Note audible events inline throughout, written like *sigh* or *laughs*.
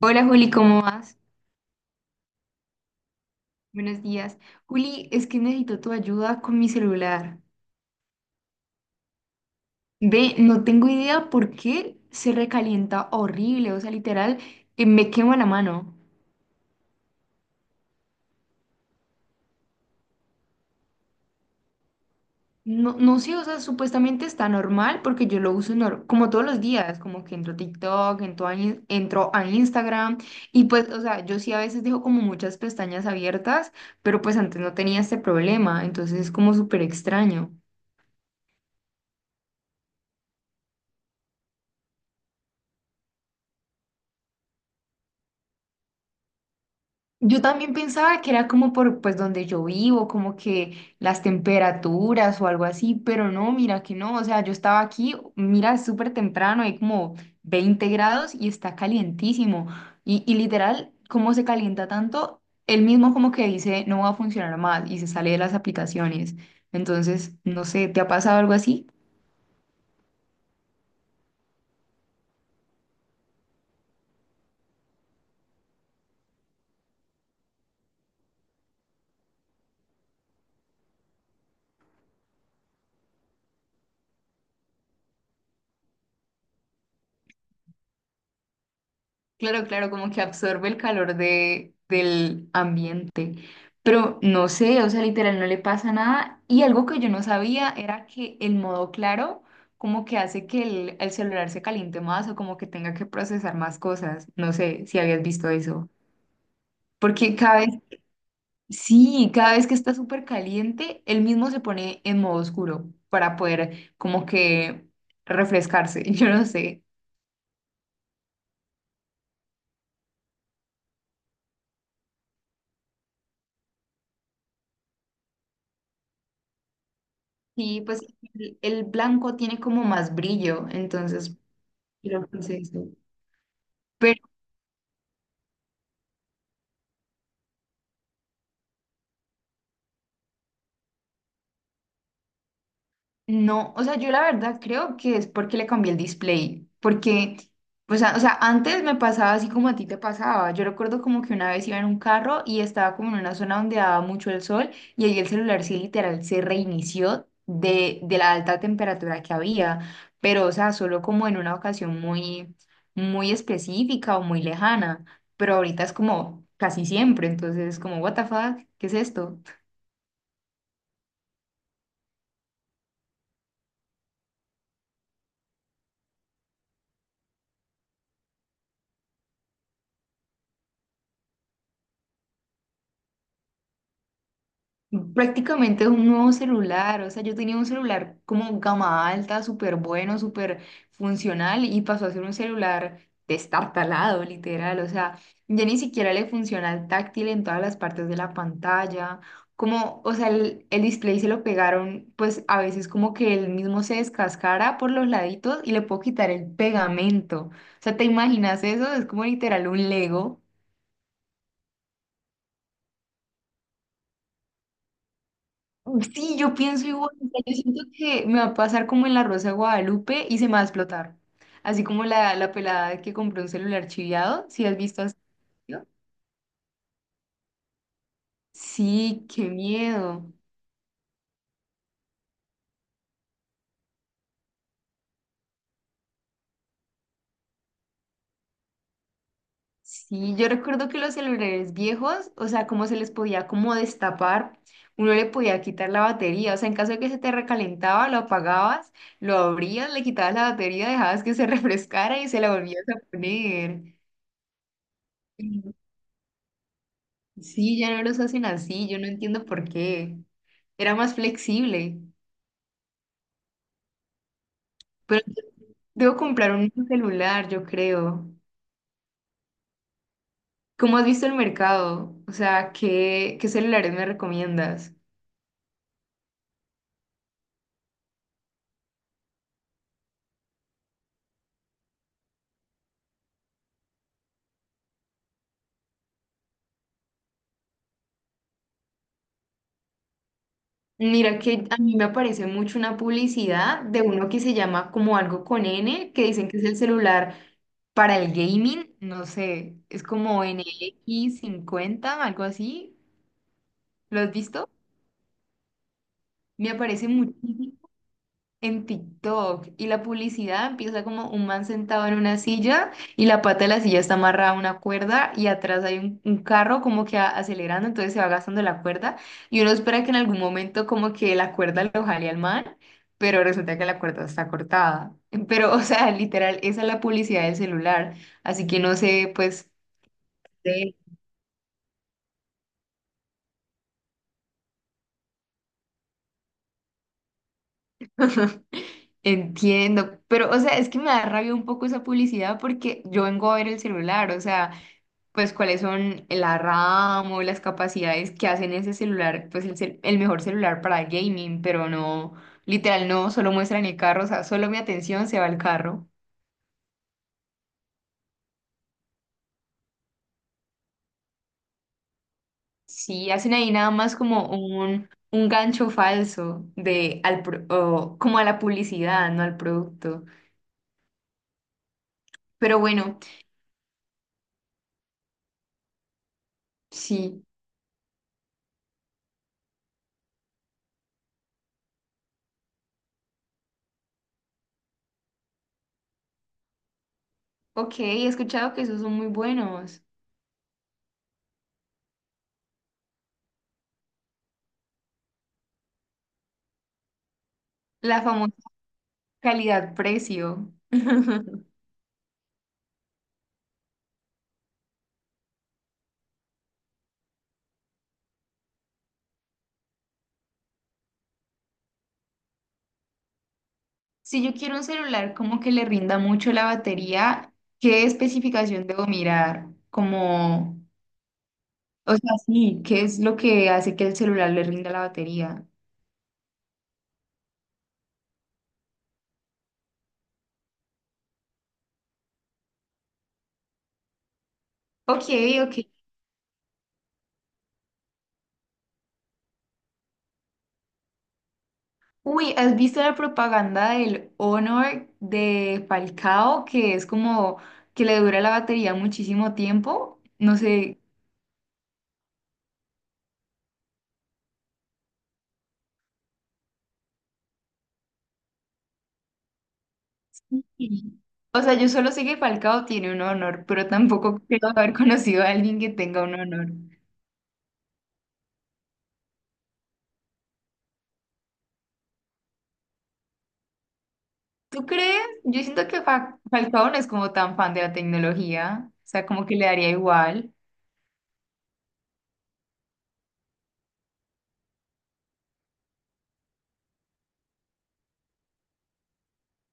Hola Juli, ¿cómo vas? Buenos días. Juli, es que necesito tu ayuda con mi celular. Ve, no tengo idea por qué se recalienta horrible, o sea, literal, me quema la mano. No sé, o sea, supuestamente está normal porque yo lo uso como todos los días, como que entro a TikTok, entro a Instagram y pues, o sea, yo sí a veces dejo como muchas pestañas abiertas, pero pues antes no tenía este problema, entonces es como súper extraño. Yo también pensaba que era como por pues donde yo vivo, como que las temperaturas o algo así, pero no, mira que no, o sea, yo estaba aquí, mira, es súper temprano, hay como 20 grados y está calientísimo. Y literal, ¿cómo se calienta tanto? Él mismo como que dice, no va a funcionar más y se sale de las aplicaciones. Entonces, no sé, ¿te ha pasado algo así? Claro, claro, como que absorbe el calor del ambiente. Pero no sé, o sea, literal, no le pasa nada. Y algo que yo no sabía era que el modo claro como que hace que el celular se caliente más o como que tenga que procesar más cosas. No sé si habías visto eso. Porque cada vez, sí, cada vez que está súper caliente, él mismo se pone en modo oscuro para poder como que refrescarse. *laughs* Yo no sé. Sí, pues el blanco tiene como más brillo, entonces creo que es eso. No, o sea, yo la verdad creo que es porque le cambié el display, porque, o sea, antes me pasaba así como a ti te pasaba. Yo recuerdo como que una vez iba en un carro y estaba como en una zona donde daba mucho el sol y ahí el celular sí literal se reinició de la alta temperatura que había, pero, o sea, solo como en una ocasión muy específica o muy lejana, pero ahorita es como casi siempre, entonces como, what the fuck, ¿qué es esto? Prácticamente es un nuevo celular, o sea, yo tenía un celular como gama alta, súper bueno, súper funcional y pasó a ser un celular destartalado, literal, o sea, ya ni siquiera le funciona el táctil en todas las partes de la pantalla, como, o sea, el display se lo pegaron, pues a veces como que el mismo se descascara por los laditos y le puedo quitar el pegamento, o sea, ¿te imaginas eso? Es como literal un Lego. Sí, yo pienso igual, o sea, yo siento que me va a pasar como en La Rosa de Guadalupe y se me va a explotar. Así como la pelada que compró un celular chiviado, ¿si has visto así? ¿no? Sí, qué miedo. Sí, yo recuerdo que los celulares viejos, o sea, cómo se les podía como destapar, uno le podía quitar la batería, o sea, en caso de que se te recalentaba, lo apagabas, lo abrías, le quitabas la batería, dejabas que se *laughs* refrescara y se la volvías a poner. Sí, ya no los hacen así, yo no entiendo por qué. Era más flexible, pero debo comprar un nuevo celular, yo creo. ¿Cómo has visto el mercado? O sea, qué celulares me recomiendas? Mira que a mí me aparece mucho una publicidad de uno que se llama como algo con N, que dicen que es el celular para el gaming, no sé, es como N X 50, algo así. ¿Lo has visto? Me aparece mucho en TikTok y la publicidad empieza como un man sentado en una silla y la pata de la silla está amarrada a una cuerda y atrás hay un carro como que acelerando, entonces se va gastando la cuerda y uno espera que en algún momento como que la cuerda lo jale al man, pero resulta que la cuerda está cortada. *laughs* Pero, o sea, literal, esa es la publicidad del celular, así que no sé, pues... Sí. *laughs* Entiendo, pero o sea, es que me da rabia un poco esa publicidad porque yo vengo a ver el celular, o sea, pues cuáles son la RAM o las capacidades que hacen ese celular, pues el mejor celular para gaming, pero no, literal, no, solo muestran el carro, o sea, solo mi atención se va al carro. Sí, hacen ahí nada más como un gancho falso o como a la publicidad, no al producto. Pero bueno, sí. Ok, he escuchado que esos son muy buenos. La famosa calidad-precio. *laughs* Si yo quiero un celular como que le rinda mucho la batería, ¿qué especificación debo mirar? Como, o sea, sí, ¿qué es lo que hace que el celular le rinda la batería? Ok, ok. Uy, ¿has visto la propaganda del Honor de Falcao, que es como que le dura la batería muchísimo tiempo? No sé. Sí. O sea, yo solo sé que Falcao tiene un Honor, pero tampoco creo haber conocido a alguien que tenga un Honor. ¿Tú crees? Yo siento que Falcao no es como tan fan de la tecnología, o sea, como que le daría igual.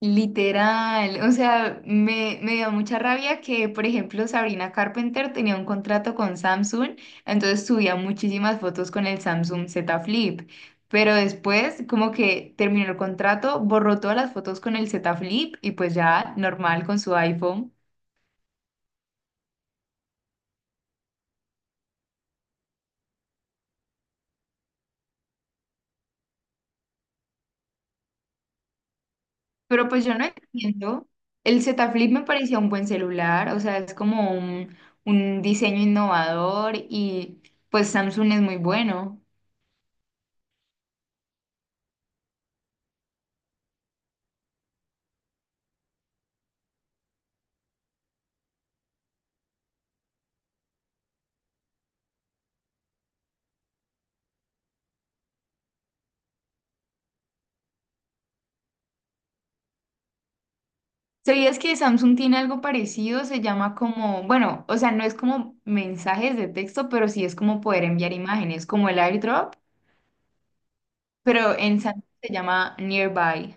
Literal, o sea, me dio mucha rabia que, por ejemplo, Sabrina Carpenter tenía un contrato con Samsung, entonces subía muchísimas fotos con el Samsung Z Flip, pero después como que terminó el contrato, borró todas las fotos con el Z Flip y pues ya normal con su iPhone. Pero pues yo no entiendo. El Z Flip me parecía un buen celular, o sea, es como un diseño innovador y pues Samsung es muy bueno. ¿Sabías que Samsung tiene algo parecido? Se llama como, bueno, o sea, no es como mensajes de texto, pero sí es como poder enviar imágenes, como el AirDrop, pero en Samsung se llama Nearby.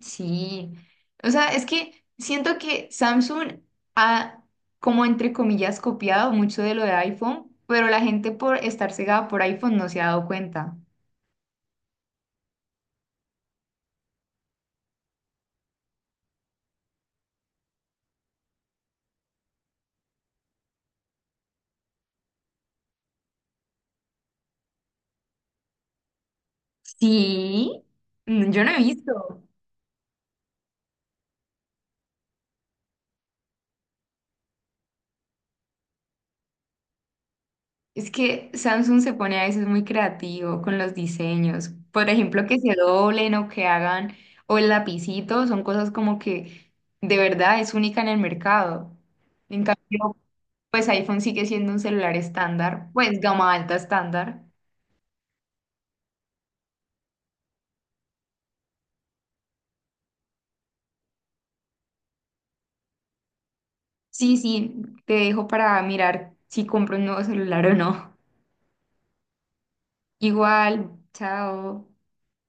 Sí, o sea, es que siento que Samsung ha, como entre comillas, copiado mucho de lo de iPhone, pero la gente por estar cegada por iPhone no se ha dado cuenta. Sí, mm, yo no he visto. Es que Samsung se pone a veces muy creativo con los diseños. Por ejemplo, que se doblen o que hagan, o el lapicito, son cosas como que de verdad es única en el mercado. En cambio, pues iPhone sigue siendo un celular estándar, pues gama alta estándar. Sí, sí, te dejo para mirar si compro un nuevo celular o no. *laughs* Igual, chao.